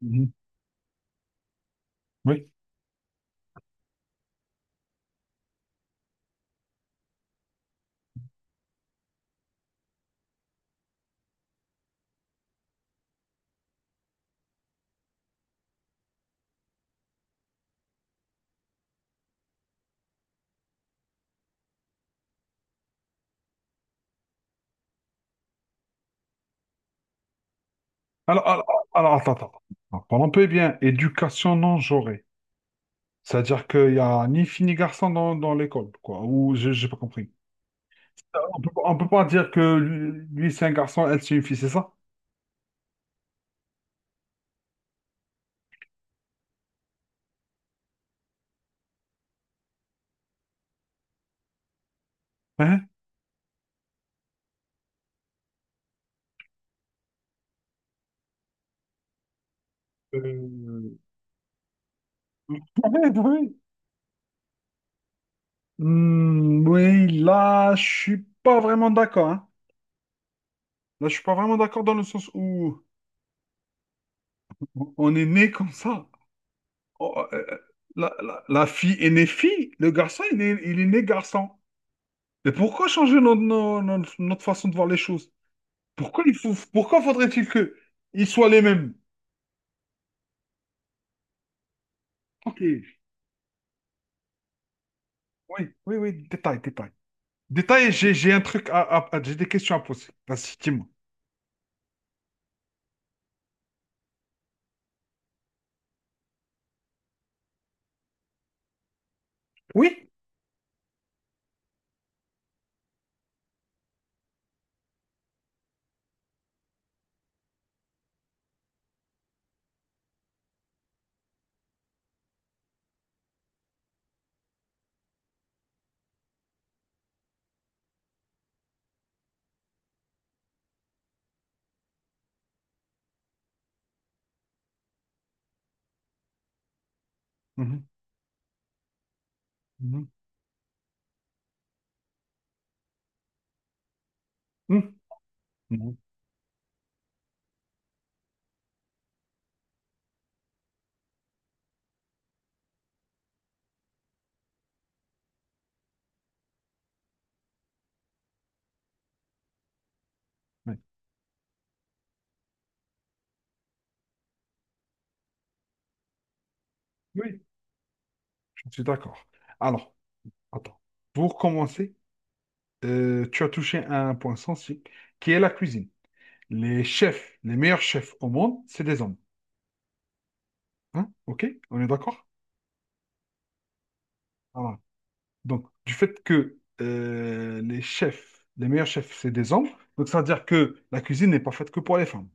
Mhm. Oui. Alors, alors, alors, attends. Attends. Parlons un peu eh bien. Éducation non genrée. C'est-à-dire qu'il n'y a ni fille ni garçon dans l'école, quoi. Ou j'ai pas compris. On peut, on peut pas dire que lui, c'est un garçon, elle c'est une fille, c'est ça? Hein? Euh, Oui, oui. Oui, là, je suis pas vraiment d'accord, hein. Là, je suis pas vraiment d'accord dans le sens où on est né comme ça. Oh, euh, euh, la fille est née fille, le garçon, il est né garçon. Mais pourquoi changer notre, no- notre, notre façon de voir les choses? Pourquoi pourquoi faudrait-il que ils soient les mêmes? Ok. Oui, oui, détail. Détail, j'ai un truc j'ai des questions à poser. Vas-y, dis-moi. Oui? Mhm, mhm, mhm, mhm, Oui. Oui, je suis d'accord. Alors, attends. Pour commencer, tu as touché à un point sensible, qui est la cuisine. Les chefs, les meilleurs chefs au monde, c'est des hommes. Hein? Ok, on est d'accord? Voilà. Donc, du fait que les chefs, les meilleurs chefs, c'est des hommes, donc ça veut dire que la cuisine n'est pas faite que pour les femmes.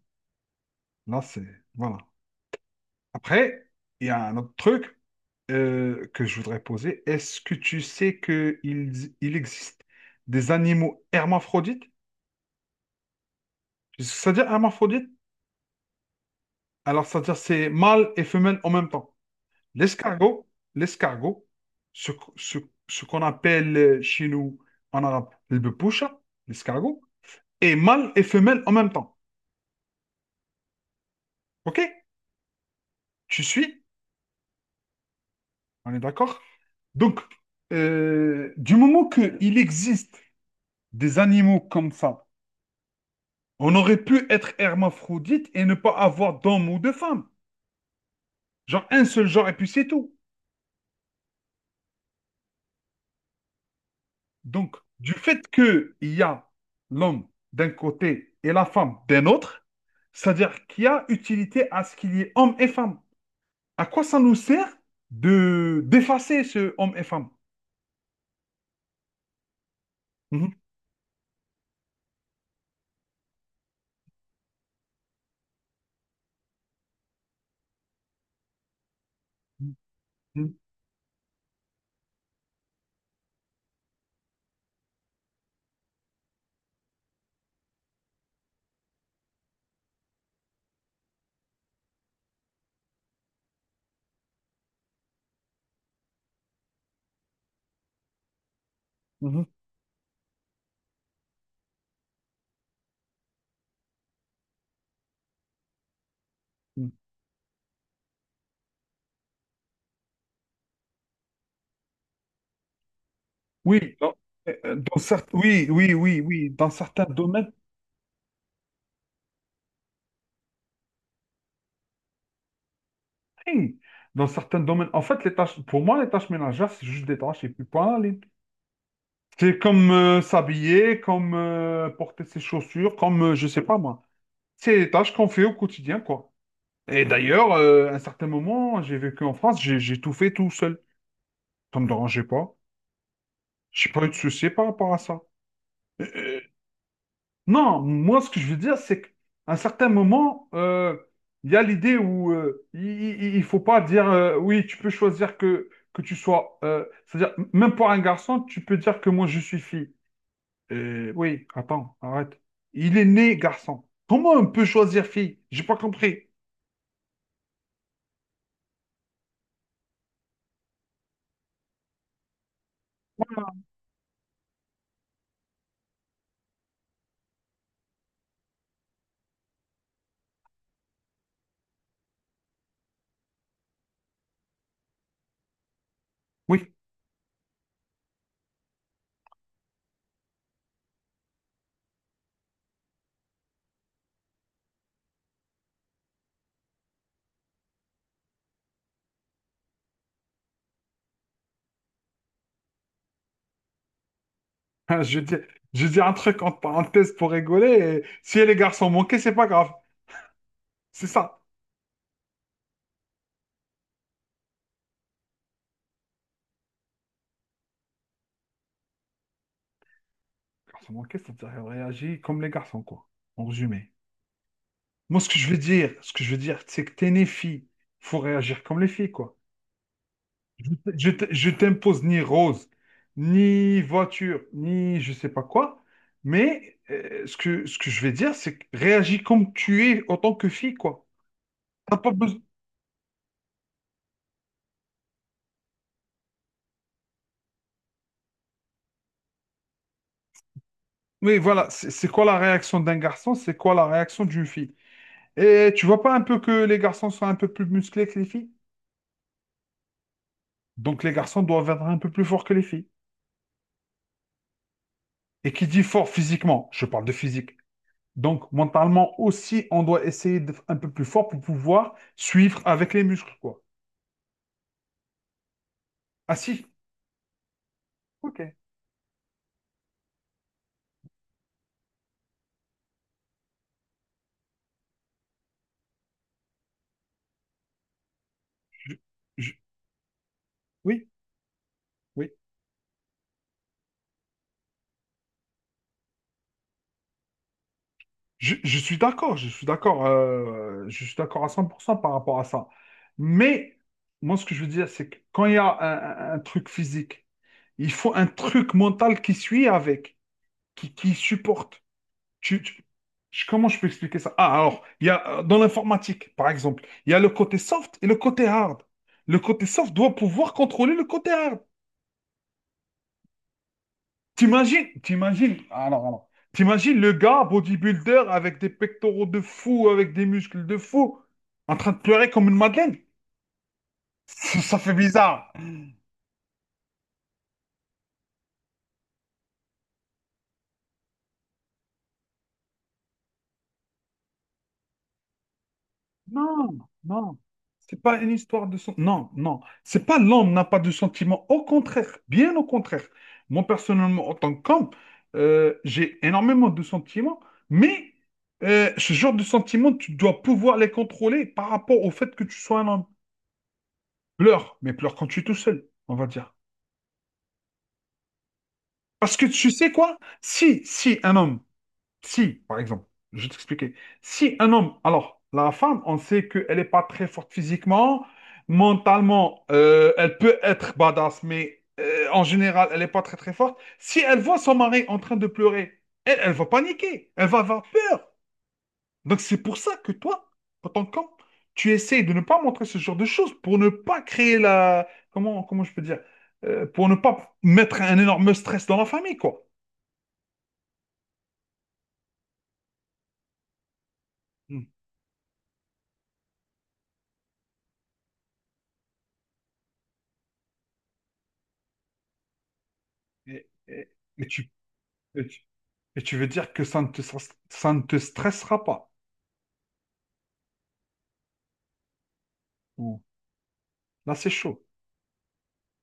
Là, c'est... Voilà. Après, il y a un autre truc que je voudrais poser. Est-ce que tu sais qu'il existe des animaux hermaphrodites? Ça veut dire hermaphrodite? Alors, ça veut dire c'est mâle et femelle en même temps. L'escargot, l'escargot, ce, ce- ce qu'on appelle chez nous en arabe le bepoucha, l'escargot, est mâle et femelle en même temps. OK? Tu suis? On est d'accord? Donc, du moment qu'il existe des animaux comme ça, on aurait pu être hermaphrodite et ne pas avoir d'homme ou de femme. Genre un seul genre et puis c'est tout. Donc, du fait qu'il y a l'homme d'un côté et la femme d'un autre, c'est-à-dire qu'il y a utilité à ce qu'il y ait homme et femme. À quoi ça nous sert de d'effacer ce homme et femme? Mhm, mhm, mhm, mhm. Oui, oui, oui, oui, oui, dans certains domaines, oui. Dans certains domaines. En fait, les tâches, pour moi, les tâches ménagères, c'est juste des tâches et puis point. C'est comme s'habiller, comme porter ses chaussures, comme je sais pas moi. C'est les tâches qu'on fait au quotidien, quoi. Et d'ailleurs, à un certain moment, j'ai vécu en France, j'ai tout fait tout seul. Ça me dérangeait pas. J'ai pas eu de soucis par rapport à ça. Euh, euh, non, moi, ce que je veux dire, c'est qu'à un certain moment, il y a l'idée où il faut pas dire oui, tu peux choisir que tu sois, c'est-à-dire, même pour un garçon, tu peux dire que moi, je suis fille. Oui, attends, arrête. Il est né garçon. Comment on peut choisir fille? J'ai pas compris. Oui. Je dis, je dis un truc entre parenthèses pour rigoler. Et si les garçons manquaient, c'est pas grave. C'est ça. Les garçons manquaient, c'est-à-dire qu'elle réagit comme les garçons, quoi. En résumé. Moi, ce que je veux dire, c'est que t'es né fille. Faut réagir comme les filles, quoi. Je, je t'impose ni rose, ni voiture, ni je sais pas quoi. Mais ce que je vais dire, c'est que réagis comme tu es en tant que fille, quoi. T'as pas besoin. Oui, voilà. C'est quoi la réaction d'un garçon? C'est quoi la réaction d'une fille? Et tu vois pas un peu que les garçons sont un peu plus musclés que les filles? Donc les garçons doivent être un peu plus forts que les filles. Et qui dit fort physiquement, je parle de physique. Donc mentalement aussi, on doit essayer d'être un peu plus fort pour pouvoir suivre avec les muscles, quoi. Ah si. Ok. je- je- oui, oui. Je suis d'accord, je suis d'accord à 100% par rapport à ça. Mais moi, ce que je veux dire, c'est que quand il y a un un truc physique, il faut un truc mental qui suit avec, qui supportent. Tu- tu- Comment je peux expliquer ça? Ah, alors, il y a, dans l'informatique, par exemple, il y a le côté soft et le côté hard. Le côté soft doit pouvoir contrôler le côté hard. T'imagines le gars bodybuilder avec des pectoraux de fou, avec des muscles de fou, en train de pleurer comme une madeleine. Ça fait bizarre. Non, non. C'est pas une histoire de... sen- Non, non. C'est pas l'homme n'a pas de sentiments. Au contraire, bien au contraire. Moi, personnellement, en tant qu'homme, j'ai énormément de sentiments, mais ce genre de sentiments, tu dois pouvoir les contrôler par rapport au fait que tu sois un homme. Pleure, mais pleure quand tu es tout seul, on va dire. Parce que tu sais quoi? Si, si un homme Si, par exemple, je vais t'expliquer. Si un homme, alors, la femme, on sait qu'elle n'est pas très forte physiquement, mentalement, elle peut être badass, mais en général, elle n'est pas très très forte. Si elle voit son mari en train de pleurer, elle va paniquer, elle va avoir peur. Donc c'est pour ça que toi, en tant qu'homme, tu essayes de ne pas montrer ce genre de choses pour ne pas créer la... Comment, comment je peux dire? Pour ne pas mettre un énorme stress dans la famille, quoi. Hmm. Et- et- Mais tu, Et tu veux dire que ça ne te stressera pas. Bon, là, c'est chaud.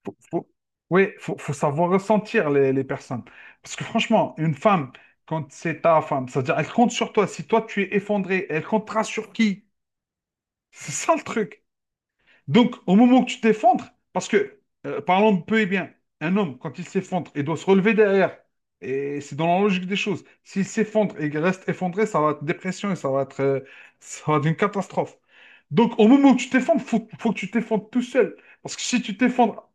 Faut, faut- Oui, faut savoir ressentir les personnes. Parce que franchement, une femme, quand c'est ta femme, c'est-à-dire elle compte sur toi. Si toi, tu es effondré, elle comptera sur qui? C'est ça le truc. Donc, au moment où tu t'effondres, parce que, parlons de peu et bien, un homme, quand il s'effondre, il doit se relever derrière. Et c'est dans la logique des choses. S'il s'effondre et qu'il reste effondré, ça va être dépression et ça va être une catastrophe. Donc, au moment où tu t'effondres, faut que tu t'effondres tout seul. Parce que si tu t'effondres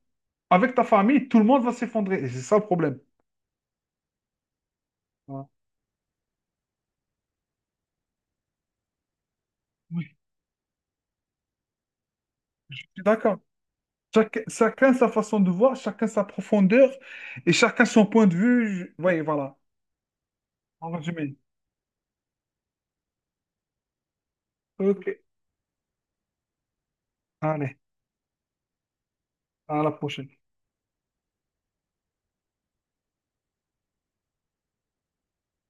avec ta famille, tout le monde va s'effondrer. Et c'est ça le problème. Ouais. Oui, je suis d'accord. Chacun sa façon de voir, chacun sa profondeur et chacun son point de vue. Oui, voilà, en résumé. Ok. Allez. À la prochaine.